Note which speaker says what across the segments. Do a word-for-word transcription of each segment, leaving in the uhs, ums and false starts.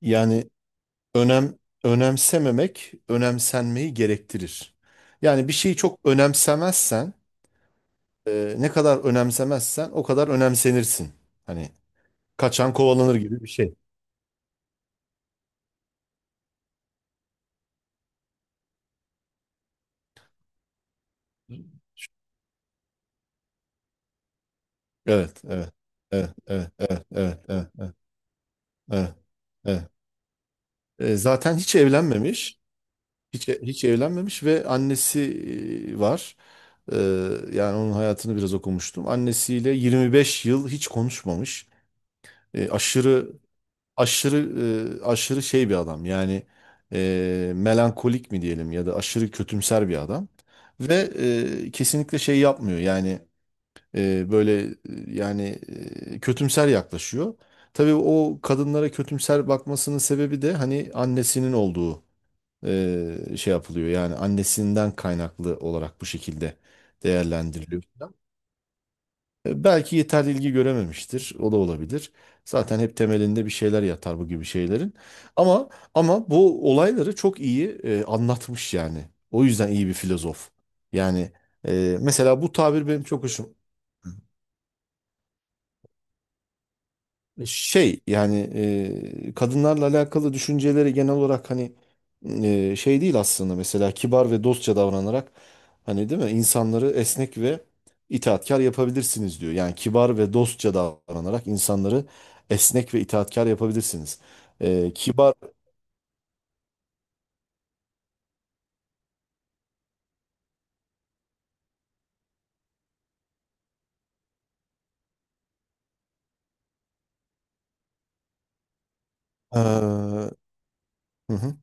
Speaker 1: Yani önem önemsememek önemsenmeyi gerektirir. Yani bir şeyi çok önemsemezsen, e, ne kadar önemsemezsen o kadar önemsenirsin. Hani kaçan kovalanır gibi bir şey. Evet, evet, evet, evet, evet, evet, evet, evet, evet, evet. E, zaten hiç evlenmemiş, hiç hiç evlenmemiş ve annesi e, var. E, yani onun hayatını biraz okumuştum. Annesiyle yirmi beş yıl hiç konuşmamış. E, aşırı aşırı e, aşırı şey bir adam yani e, melankolik mi diyelim ya da aşırı kötümser bir adam ve e, kesinlikle şey yapmıyor yani e, böyle e, yani e, kötümser yaklaşıyor. Tabii o kadınlara kötümser bakmasının sebebi de hani annesinin olduğu e, şey yapılıyor yani annesinden kaynaklı olarak bu şekilde değerlendiriliyor. E, Belki yeterli ilgi görememiştir. O da olabilir. Zaten hep temelinde bir şeyler yatar bu gibi şeylerin. Ama ama bu olayları çok iyi e, anlatmış yani. O yüzden iyi bir filozof. Yani e, mesela bu tabir benim çok hoşum. Şey yani e, kadınlarla alakalı düşünceleri genel olarak hani e, şey değil aslında mesela kibar ve dostça davranarak hani değil mi insanları esnek ve itaatkar yapabilirsiniz diyor. Yani kibar ve dostça davranarak insanları esnek ve itaatkar yapabilirsiniz. E, kibar e, hı hı.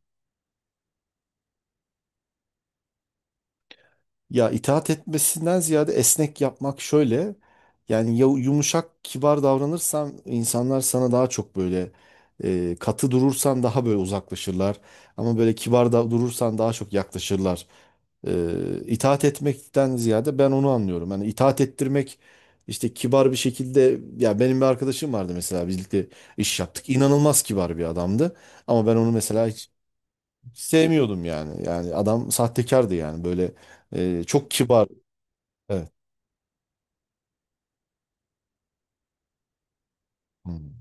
Speaker 1: Ya itaat etmesinden ziyade esnek yapmak şöyle. Yani ya- yumuşak, kibar davranırsan insanlar sana daha çok böyle e, katı durursan daha böyle uzaklaşırlar. Ama böyle kibar da durursan daha çok yaklaşırlar. E, itaat etmekten ziyade ben onu anlıyorum. Yani itaat ettirmek işte kibar bir şekilde ya benim bir arkadaşım vardı mesela birlikte iş yaptık. İnanılmaz kibar bir adamdı. Ama ben onu mesela hiç sevmiyordum yani. Yani adam sahtekardı yani böyle e, çok kibar. Evet. Hmm.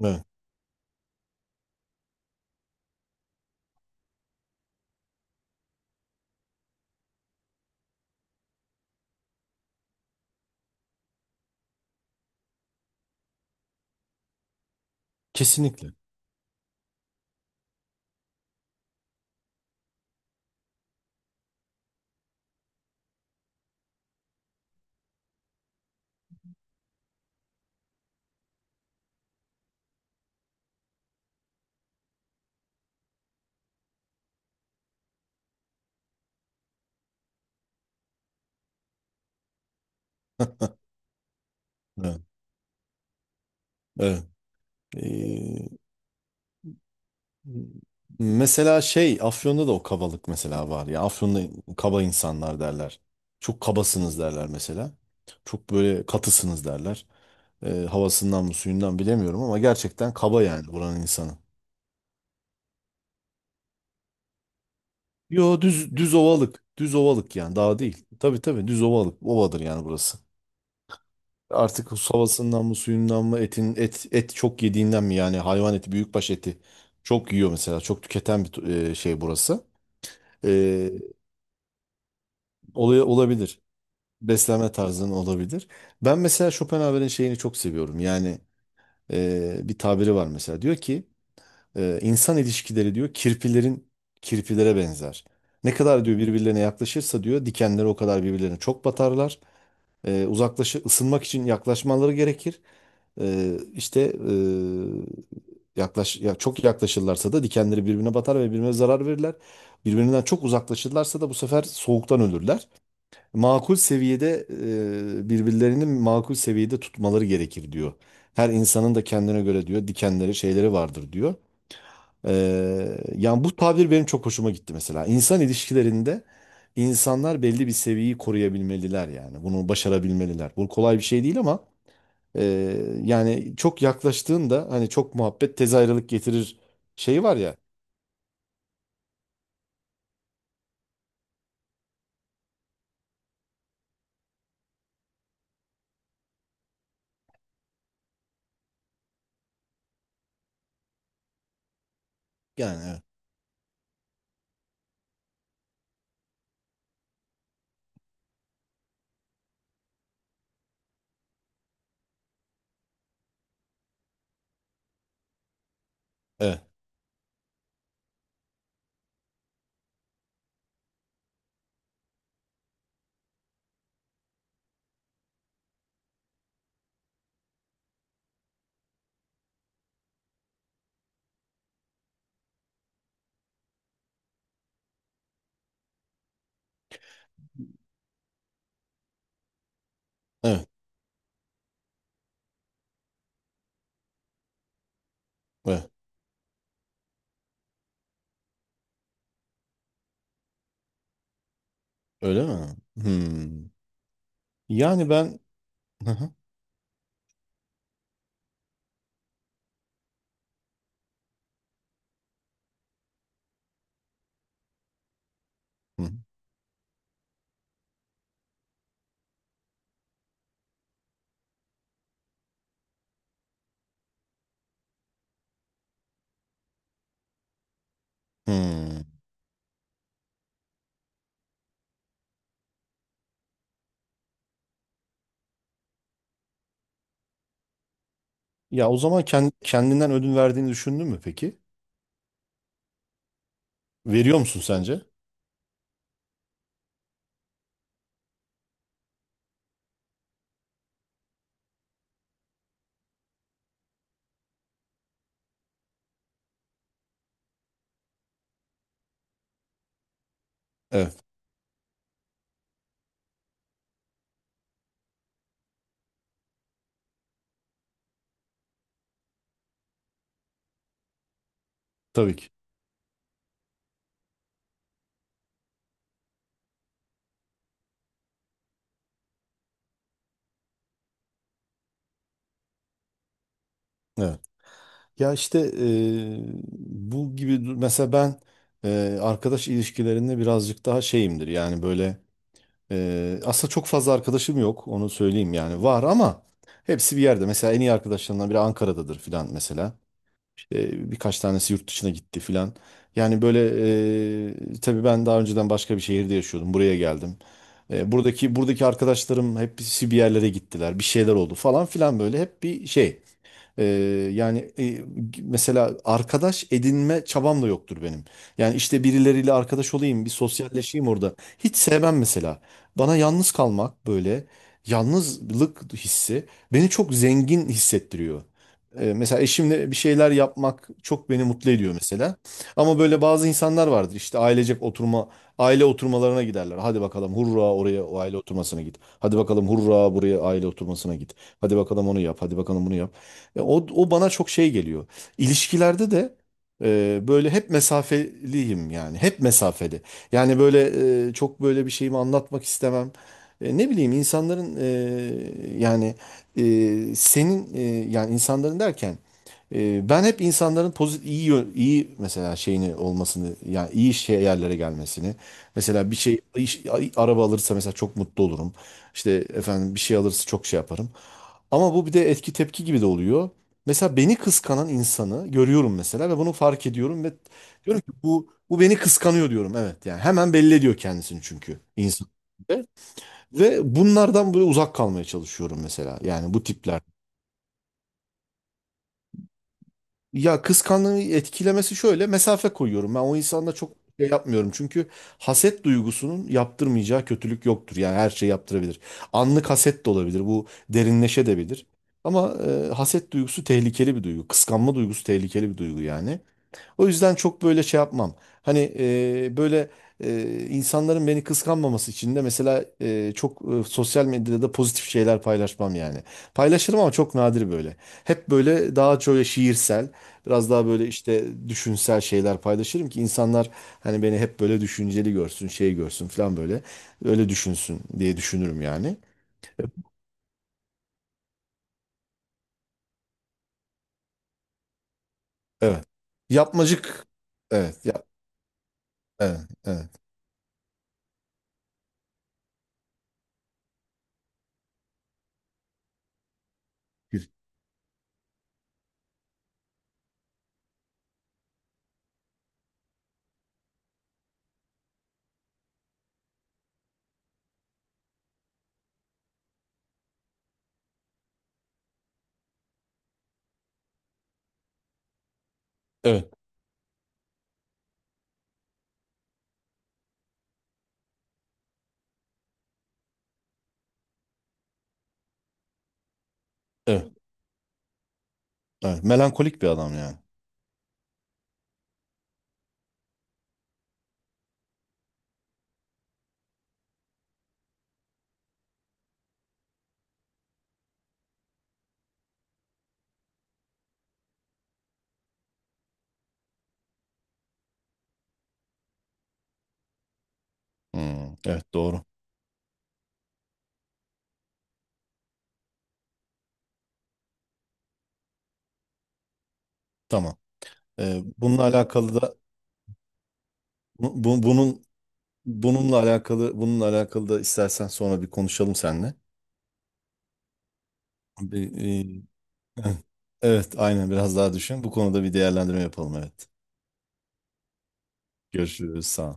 Speaker 1: Evet. Kesinlikle. Evet. Evet. Ee, mesela şey Afyon'da da o kabalık mesela var ya. Afyon'da kaba insanlar derler. Çok kabasınız derler mesela. Çok böyle katısınız derler. Ee, havasından mı suyundan bilemiyorum ama gerçekten kaba yani buranın insanı. Yo, düz düz ovalık. Düz ovalık yani daha değil. Tabii tabii düz ovalık. Ovadır yani burası. Artık bu havasından mı suyundan mı etin et et çok yediğinden mi yani hayvan eti büyükbaş eti çok yiyor mesela çok tüketen bir tu- e, şey burası. E, olay olabilir. Beslenme tarzının olabilir. Ben mesela Schopenhauer'in şeyini çok seviyorum. Yani e, bir tabiri var mesela diyor ki e, insan ilişkileri diyor kirpilerin kirpilere benzer. Ne kadar diyor birbirlerine yaklaşırsa diyor dikenleri o kadar birbirlerine çok batarlar. E, uzaklaşı ısınmak için yaklaşmaları gerekir. E, işte e, yaklaş ya çok yaklaşırlarsa da dikenleri birbirine batar ve birbirine zarar verirler. Birbirinden çok uzaklaşırlarsa da bu sefer soğuktan ölürler. Makul seviyede e, Birbirlerini makul seviyede tutmaları gerekir diyor. Her insanın da kendine göre diyor dikenleri şeyleri vardır diyor. Ee, yani bu tabir benim çok hoşuma gitti mesela. İnsan ilişkilerinde insanlar belli bir seviyeyi koruyabilmeliler yani. Bunu başarabilmeliler. Bu kolay bir şey değil ama e, yani çok yaklaştığında hani çok muhabbet tez ayrılık getirir şeyi var ya. Yani evet, evet, evet, evet. Öyle mi? Hmm. Yani ben. Hı hı, hı, hmm. Ya o zaman kend- kendinden ödün verdiğini düşündün mü peki? Veriyor musun sence? Evet, tabii ki. Evet. Ya işte eee, bu gibi du- mesela ben, eee, arkadaş ilişkilerinde birazcık daha şeyimdir yani böyle eee aslında çok fazla arkadaşım yok, onu söyleyeyim yani var ama hepsi bir yerde mesela en iyi arkadaşlarımdan biri Ankara'dadır filan mesela. İşte birkaç tanesi yurt dışına gitti filan yani böyle eee tabii ben daha önceden başka bir şehirde yaşıyordum, buraya geldim. Eee, buradaki buradaki arkadaşlarım hepsi bir yerlere gittiler, bir şeyler oldu falan filan, böyle hep bir şey. Ee, yani e, mesela arkadaş edinme çabam da yoktur benim. Yani işte birileriyle arkadaş olayım, bir sosyalleşeyim orada. Hiç sevmem mesela. Bana yalnız kalmak böyle yalnızlık hissi beni çok zengin hissettiriyor. Ee, mesela eşimle bir şeyler yapmak çok beni mutlu ediyor mesela. Ama böyle bazı insanlar vardır işte ailecek oturma aile oturmalarına giderler. Hadi bakalım hurra oraya o aile oturmasına git. Hadi bakalım hurra buraya aile oturmasına git. Hadi bakalım onu yap. Hadi bakalım bunu yap. E, O, o bana çok şey geliyor. İlişkilerde de e, böyle hep mesafeliyim yani. Hep mesafeli. Yani böyle e, çok böyle bir şeyimi anlatmak istemem. E, ne bileyim insanların e, yani e, senin e, yani insanların derken e, ben hep insanların pozitif iyi yö- iyi mesela şeyini olmasını yani iyi şey yerlere gelmesini mesela bir şey iş- araba alırsa mesela çok mutlu olurum. İşte efendim bir şey alırsa çok şey yaparım. Ama bu bir de etki tepki gibi de oluyor. Mesela beni kıskanan insanı görüyorum mesela ve bunu fark ediyorum ve diyorum ki bu bu beni kıskanıyor diyorum. Evet yani hemen belli ediyor kendisini çünkü insan. Ve ve bunlardan böyle uzak kalmaya çalışıyorum mesela. Yani bu tipler. Ya kıskançlığı etkilemesi şöyle mesafe koyuyorum. Ben o insanla çok şey yapmıyorum. Çünkü haset duygusunun yaptırmayacağı kötülük yoktur. Yani her şey yaptırabilir. Anlık haset de olabilir. Bu derinleşebilir. Ama e, haset duygusu tehlikeli bir duygu. Kıskanma duygusu tehlikeli bir duygu yani. O yüzden çok böyle şey yapmam. Hani e, böyle e, insanların beni kıskanmaması için de mesela e, çok e, sosyal medyada da pozitif şeyler paylaşmam yani. Paylaşırım ama çok nadir böyle. Hep böyle daha şöyle şiirsel, biraz daha böyle işte düşünsel şeyler paylaşırım ki insanlar hani beni hep böyle düşünceli görsün, şey görsün falan böyle. Öyle düşünsün diye düşünürüm yani. Evet. Yapmacık. Evet. Ya, evet. Evet. Evet. Evet. Evet. Evet. Melankolik bir adam yani. Hmm, evet doğru. Tamam. Ee, bununla alakalı da bu, bu- bunun bununla alakalı bununla alakalı da istersen sonra bir konuşalım seninle. Bir, e, evet aynen biraz daha düşün. Bu konuda bir değerlendirme yapalım evet. Görüşürüz, sağ ol.